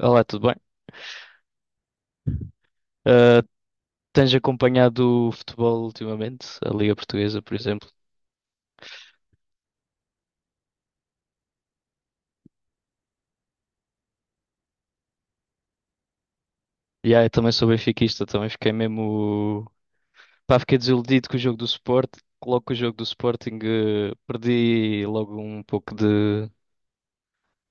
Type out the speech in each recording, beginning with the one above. Olá, tudo bem? Ah, Tens acompanhado o futebol ultimamente? A Liga Portuguesa, por exemplo? E eu também sou benfiquista, também fiquei mesmo. Pá, fiquei desiludido com o jogo do Sporting. Logo com o jogo do Sporting, perdi logo um pouco de,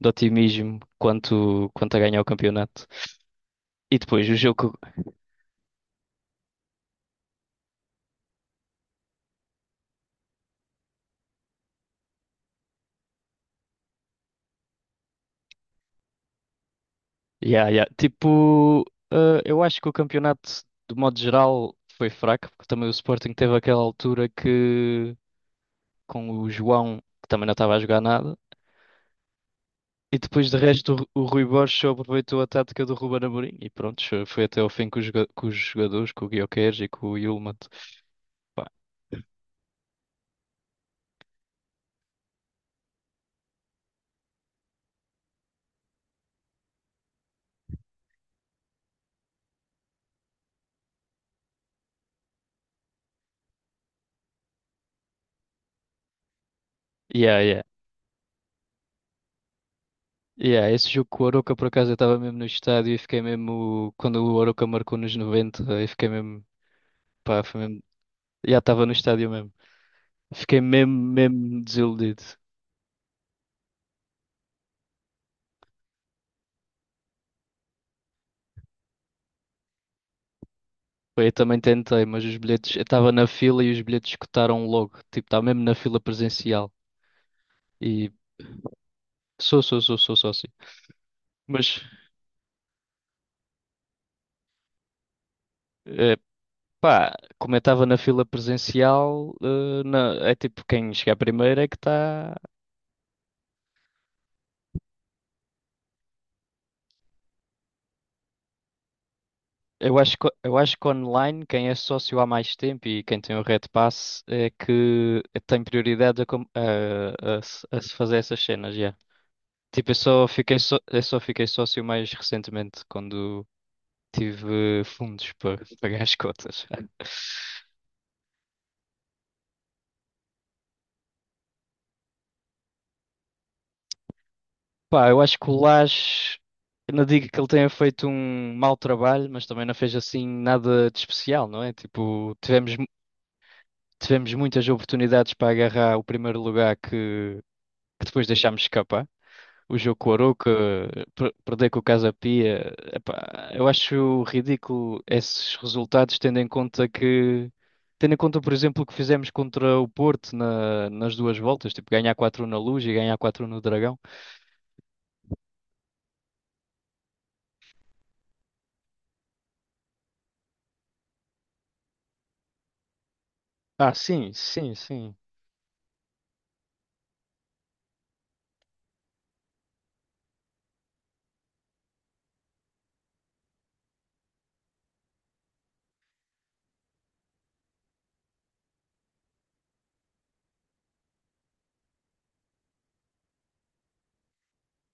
de otimismo quanto a ganhar o campeonato. E depois o jogo. Yeah, yeah. Tipo, eu acho que o campeonato, de modo geral, foi fraco, porque também o Sporting teve aquela altura que, com o João, que também não estava a jogar nada. E depois de resto o Rui Borges só aproveitou a tática do Ruben Amorim e pronto, foi até ao fim com os jogadores, com o Gyökeres e com o Yilmaz. Pá, yeah, yeah. Yeah, esse jogo com o Arouca, por acaso, eu estava mesmo no estádio e fiquei mesmo. Quando o Arouca marcou nos 90, eu fiquei mesmo. Pá, foi mesmo. Já estava no estádio mesmo. Fiquei mesmo, mesmo desiludido. Foi, eu também tentei, mas os bilhetes. Eu estava na fila e os bilhetes escutaram logo. Tipo, estava mesmo na fila presencial. E sou, sou, sou, sou sócio. Mas, eh, pá, como eu estava na fila presencial, é tipo, quem chegar primeiro é que está. Eu acho que online, quem é sócio há mais tempo e quem tem o Red Pass é que tem prioridade a, com- a se fazer essas cenas, já. Tipo, eu só fiquei sócio mais recentemente, quando tive fundos para pagar as cotas. Pá, eu acho que o Lage, eu não digo que ele tenha feito um mau trabalho, mas também não fez assim nada de especial, não é? Tipo, tivemos muitas oportunidades para agarrar o primeiro lugar que depois deixámos escapar. O Jokoro que perder com o Casa Pia, epá, eu acho ridículo esses resultados, tendo em conta, por exemplo, o que fizemos contra o Porto nas duas voltas, tipo ganhar 4 na Luz e ganhar 4 no Dragão. Ah, sim, sim, sim.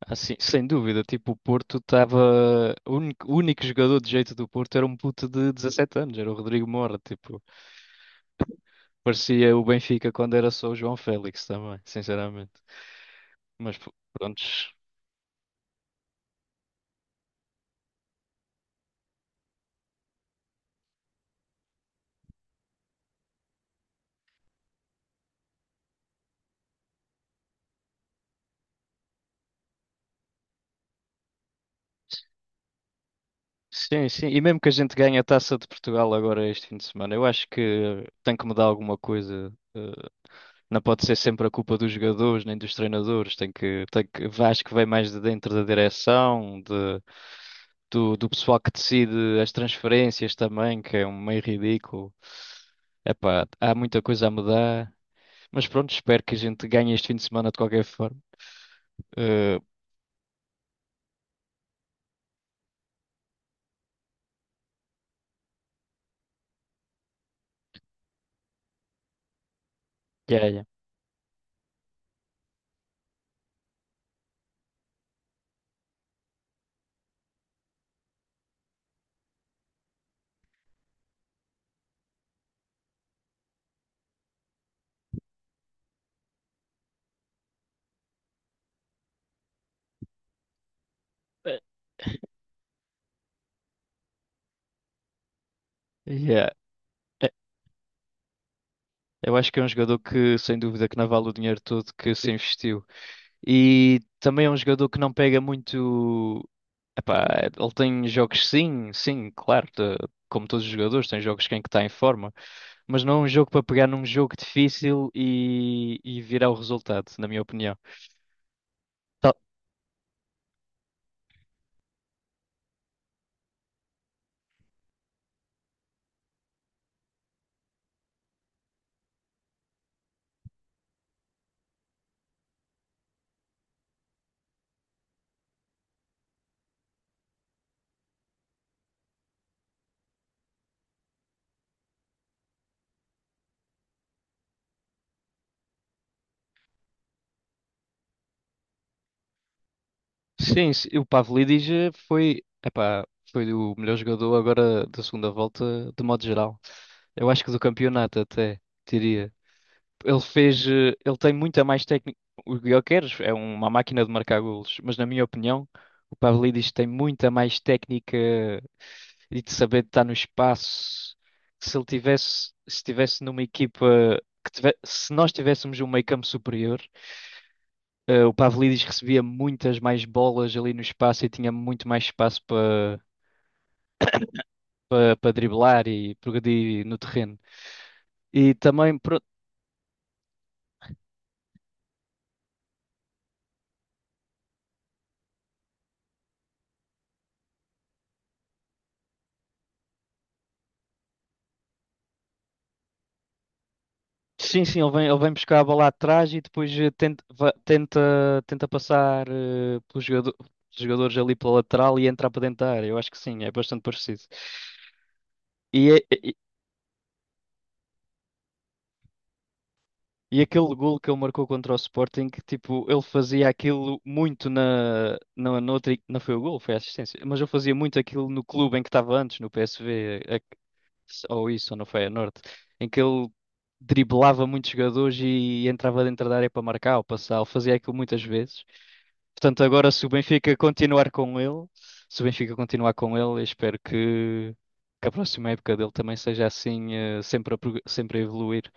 Ah, sim, sem dúvida. Tipo, o Porto estava. O único jogador de jeito do Porto era um puto de 17 anos, era o Rodrigo Mora. Tipo, parecia o Benfica quando era só o João Félix também, sinceramente. Mas pronto. Sim, sim. E mesmo que a gente ganhe a Taça de Portugal agora este fim de semana, eu acho que tem que mudar alguma coisa. Não pode ser sempre a culpa dos jogadores nem dos treinadores. Tem que, acho que vem mais de dentro da direção, do pessoal que decide as transferências também, que é um meio ridículo. Epá, há muita coisa a mudar. Mas pronto, espero que a gente ganhe este fim de semana de qualquer forma. Eh, yeah, yeah. Eh, yeah. Eh, Eu acho que é um jogador que, sem dúvida, que não vale o dinheiro todo que se investiu. E também é um jogador que não pega muito. Epá, ele tem jogos, sim, sim, claro, como todos os jogadores, tem jogos que é em que está em forma, mas não é um jogo para pegar num jogo difícil e virar o resultado, na minha opinião. Tá- Sim, sim, o Pavlidis foi o melhor jogador agora da segunda volta, de modo geral. Eu acho que do campeonato até, diria. Ele tem muita mais técnica. O Gyökeres é uma máquina de marcar golos, mas na minha opinião, o Pavlidis tem muita mais técnica e de saber estar no espaço. Se tivesse numa equipa se nós tivéssemos um meio-campo superior, o Pavlidis recebia muitas mais bolas ali no espaço e tinha muito mais espaço para driblar e progredir no terreno. E também. Sim, sim, ele vem buscar a bola atrás e depois tenta passar pelos jogadores ali pela lateral e entrar para dentro da área. Eu acho que sim, é bastante parecido. E, é- e, e aquele gol que ele marcou contra o Sporting, que tipo, ele fazia aquilo muito na outra, não foi o gol, foi a assistência, mas ele fazia muito aquilo no clube em que estava antes, no PSV, ou isso, ou no Feyenoord, em que ele driblava muitos jogadores e entrava dentro da área para marcar ou passar, ele fazia aquilo muitas vezes. Portanto, agora se o Benfica continuar com ele, se o Benfica continuar com ele, eu espero que a próxima época dele também seja assim, sempre sempre a evoluir.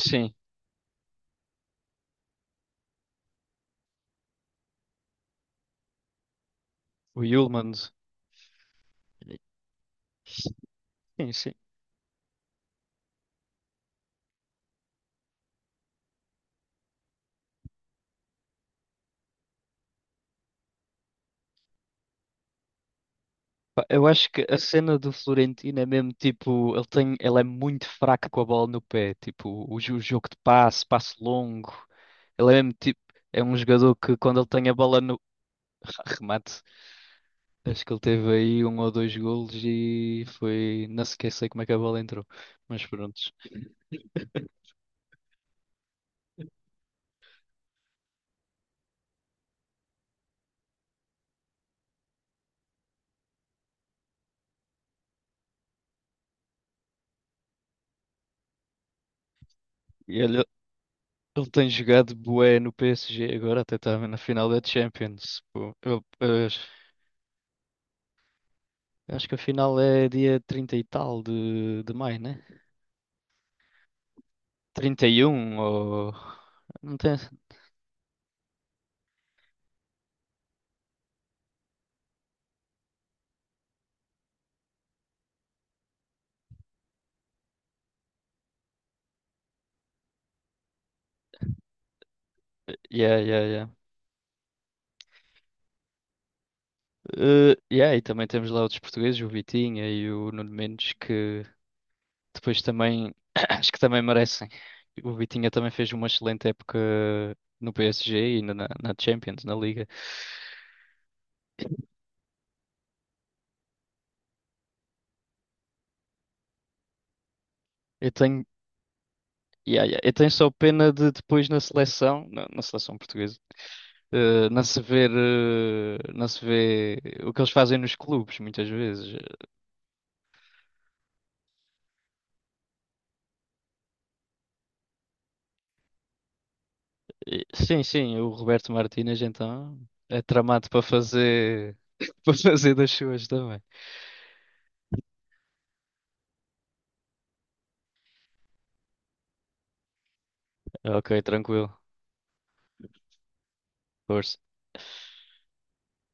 Sim, o Yulmand. Sim, sim. Pá, eu acho que a cena do Florentino é mesmo tipo, ele é muito fraco com a bola no pé, tipo, o jogo de passe, passe longo. Ele é mesmo tipo, é um jogador que quando ele tem a bola no remate. Acho que ele teve aí um ou dois golos e foi. Não sequer sei como é que a bola entrou. Mas pronto. E olha, ele tem jogado bué no PSG agora, até estava na final da Champions. Pô, eu acho que a final é dia 30 e tal de maio, né? 31 ou. Não tem. Yeah, yeah, yeah. Yeah, e também temos lá outros portugueses, o Vitinha e o Nuno Mendes, que depois também, acho que também merecem. O Vitinha também fez uma excelente época no PSG e na Champions, na Liga. Eu tenho, yeah, yeah, eu tenho só pena de depois na seleção, na seleção portuguesa, não se vê o que eles fazem nos clubes, muitas vezes. Sim, sim, o Roberto Martínez então é tramado para fazer, para fazer das suas também. Ok, tranquilo. Força.